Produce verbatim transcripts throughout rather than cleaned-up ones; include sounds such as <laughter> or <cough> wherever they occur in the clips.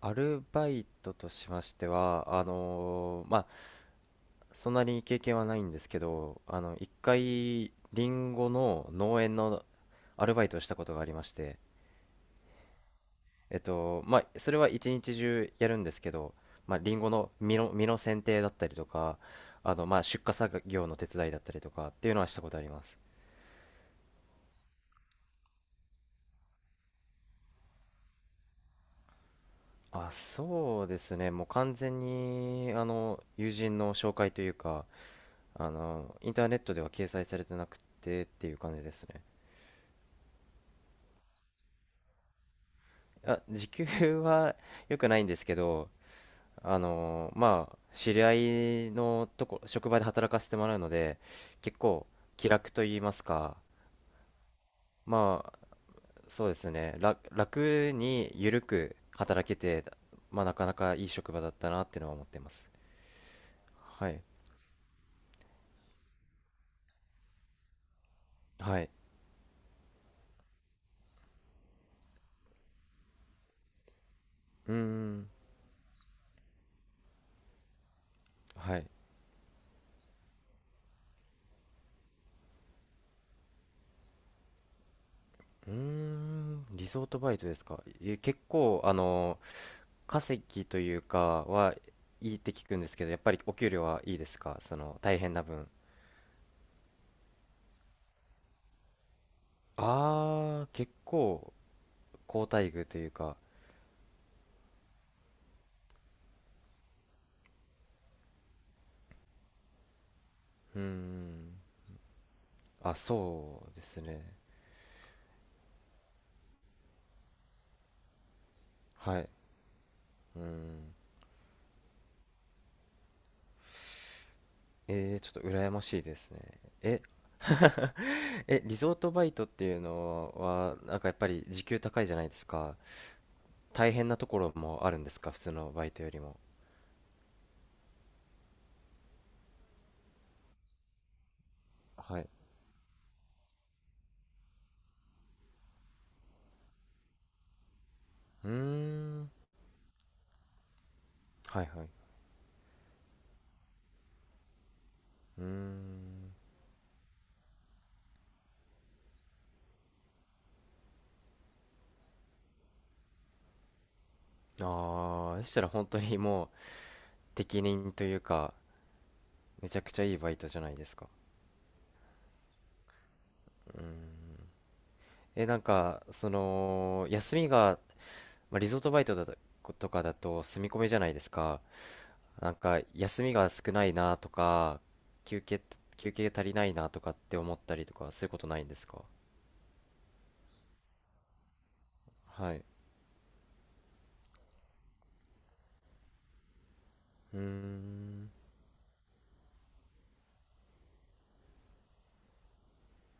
アルバイトとしましては、あのーまあ、そんなに経験はないんですけど、あの、一回、リンゴの農園のアルバイトをしたことがありまして、えっと、まあ、それは一日中やるんですけど、まあ、リンゴの実の、実の剪定だったりとか、あの、まあ、出荷作業の手伝いだったりとかっていうのはしたことあります。あ、そうですね。もう完全に、あの、友人の紹介というか、あの、インターネットでは掲載されてなくてっていう感じですね。あ、<laughs> 時給は良くないんですけど、あのーまあ、知り合いのとこ、職場で働かせてもらうので、結構気楽と言いますか、まあ、そうですね、楽楽に緩く働けて、まあ、なかなかいい職場だったなっていうのは思ってます。はい。はい。うーん。はい。うーん。リゾートバイトですか？え、結構、あのー稼ぎというかはいいって聞くんですけど、やっぱりお給料はいいですか、その大変な分？あー、結構好待遇というか、うーん、あ、そうですね。はい。うーん。えー、ちょっと羨ましいですね。え、え、リゾートバイトっていうのは、なんかやっぱり時給高いじゃないですか。大変なところもあるんですか、普通のバイトよりも？はい。うーん。はいはい。うーん。ああ、そしたら本当にもう、適任というか、めちゃくちゃいいバイトじゃないですか。え、なんか、その、休みが、まあ、リゾートバイトだと、とかだと住み込みじゃないですか。なんか、休みが少ないなとか、休憩、休憩足りないなとかって思ったりとか、そういうことないんですか？はい。うーん、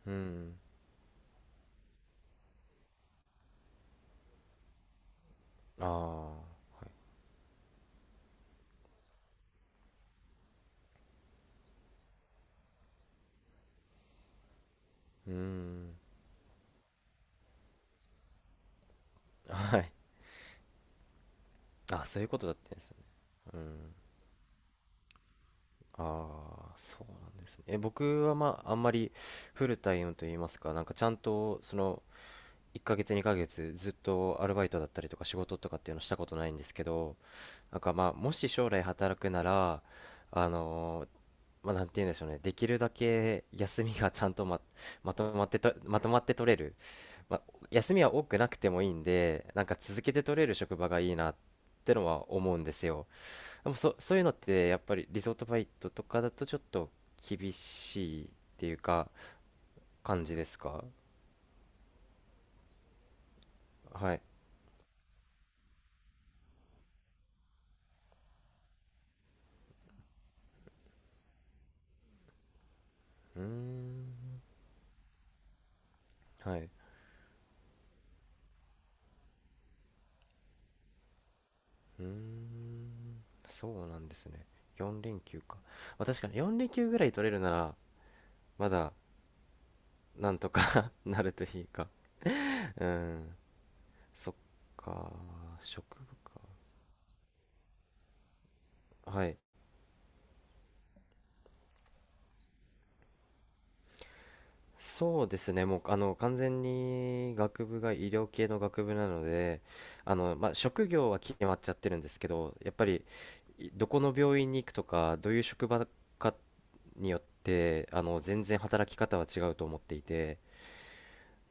うん、ああ、はい。うーん、はい。あ、そういうことだったんですね。うん。ああ、そうなんですね。え、僕はまあ、あんまりフルタイムといいますか、なんかちゃんと、その、いっかげつ、にかげつ、ずっとアルバイトだったりとか仕事とかっていうのしたことないんですけど、なんかまあ、もし将来働くなら、あのーまあ、なんて言うんでしょうね、できるだけ休みがちゃんとま、まとまってと、まとまって取れる。まあ、休みは多くなくてもいいんで、なんか続けて取れる職場がいいなってのは思うんですよ。でもそ、そういうのってやっぱりリゾートバイトとかだとちょっと厳しいっていうか感じですか？はい。うーん。はい。うーん。そうなんですね。よん連休か。まあ、確かによん連休ぐらい取れるならまだなんとか <laughs> なるというか。うん。そっか。職場か。はい。そうですね、もうあの完全に学部が医療系の学部なので、あのまあ、職業は決まっちゃってるんですけど、やっぱりいどこの病院に行くとか、どういう職場かによって、あの全然働き方は違うと思っていて、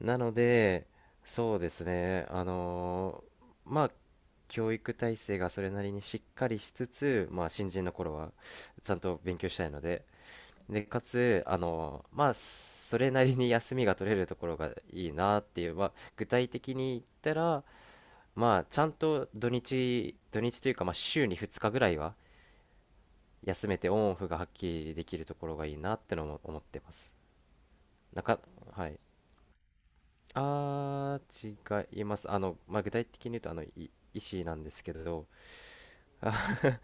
なので、そうですね、あのーまあ、教育体制がそれなりにしっかりしつつ、まあ、新人の頃はちゃんと勉強したいので、で、かつ、あの、まあ、それなりに休みが取れるところがいいなっていう、まあ、具体的に言ったら、まあ、ちゃんと土日、土日というか、まあ、週にふつかぐらいは休めてオンオフがはっきりできるところがいいなってのも思ってます。なか、はい。あー、違います。あの、まあ、具体的に言うと、あの、い医師なんですけど、あ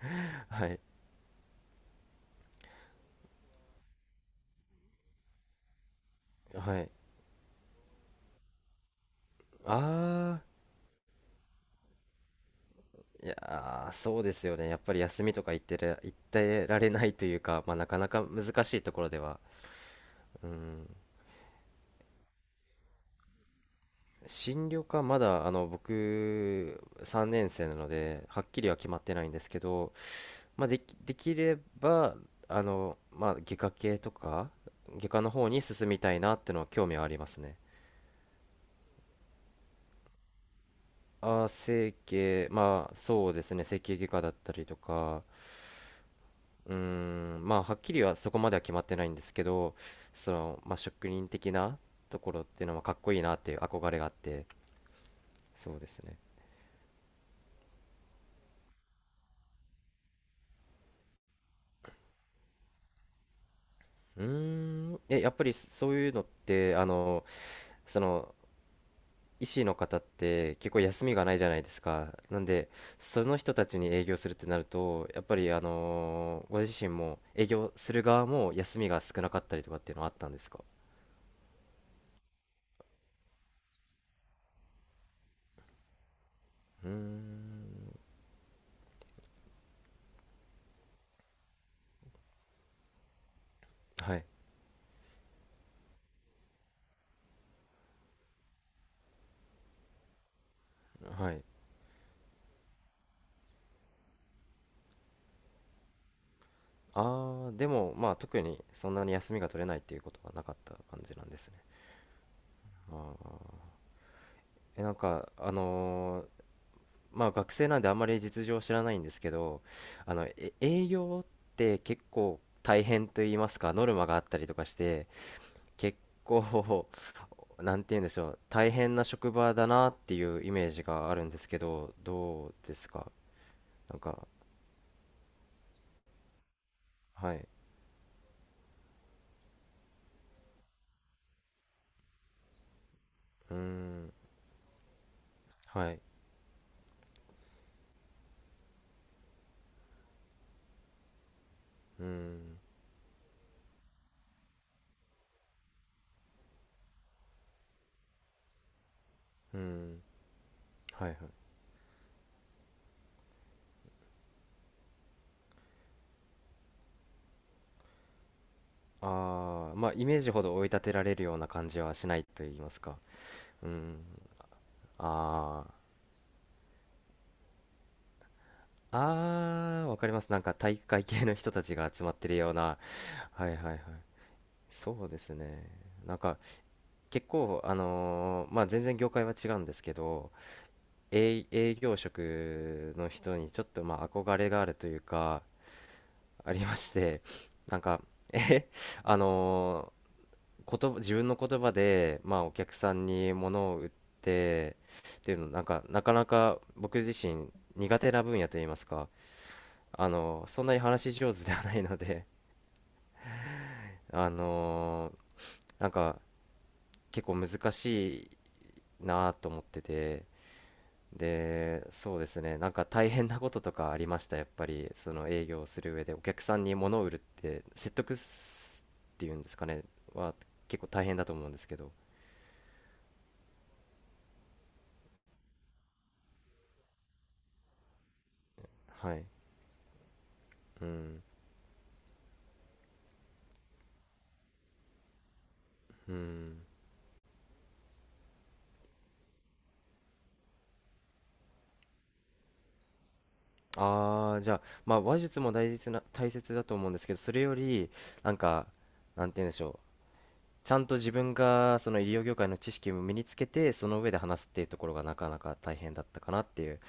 <laughs> はい、はい。あー、いやーそうですよね。やっぱり休みとか言ってら、言ってられないというか、まあ、なかなか難しいところでは。うん。進路か、まだ、あの、僕、さんねん生なので、はっきりは決まってないんですけど、まあ、でき、できれば、あの、まあ、外科系とか、外科の方に進みたいなってのは興味はありますね。ああ整形、まあ、そうですね。整形外科だったりとか、うーん、まあ、はっきりはそこまでは決まってないんですけど、その、まあ、職人的なところっていうのはかっこいいなっていう憧れがあって、そうですね。うーん、え、やっぱりそういうのって、あの、その、医師の方って結構休みがないじゃないですか。なんで、その人たちに営業するってなると、やっぱり、あのーご自身も営業する側も休みが少なかったりとかっていうのはあったんですか？うーん、はい、はい。ああでもまあ、特にそんなに休みが取れないっていうことはなかった感じなんですね。ああ、えなんか、あのーまあ学生なんであんまり実情を知らないんですけど、あのえ営業って結構大変と言いますか、ノルマがあったりとかして、結構 <laughs> なんて言うんでしょう、大変な職場だなっていうイメージがあるんですけど、どうですか？なんか。はい。うーん。はい。うーん。うーん。はいはい。ああ、まあ、イメージほど追い立てられるような感じはしないと言いますか。うん。ああ。ああ、わかります。なんか体育会系の人たちが集まってるような。はいはいはい。そうですね。なんか結構、あのーまあ全然業界は違うんですけど、営、営業職の人にちょっとまあ憧れがあるというか、ありまして、なんか、え、<laughs> あの言葉自分の言葉で、まあ、お客さんに物を売ってっていうのなんかなかなか僕自身苦手な分野といいますか、あのそんなに話し上手ではないので、 <laughs> あのーなんか結構難しいなと思ってて、でそうですね、なんか大変なこととかありました？やっぱりその営業をする上でお客さんに物を売るって、説得すっていうんですかね、は結構大変だと思うんですけど。はい、うんうん。ああ、じゃあ、まあ、話術も大切な、大切だと思うんですけど、それより、なんか、なんて言うんでしょう。ちゃんと自分が、その医療業界の知識も身につけて、その上で話すっていうところがなかなか大変だったかなっていう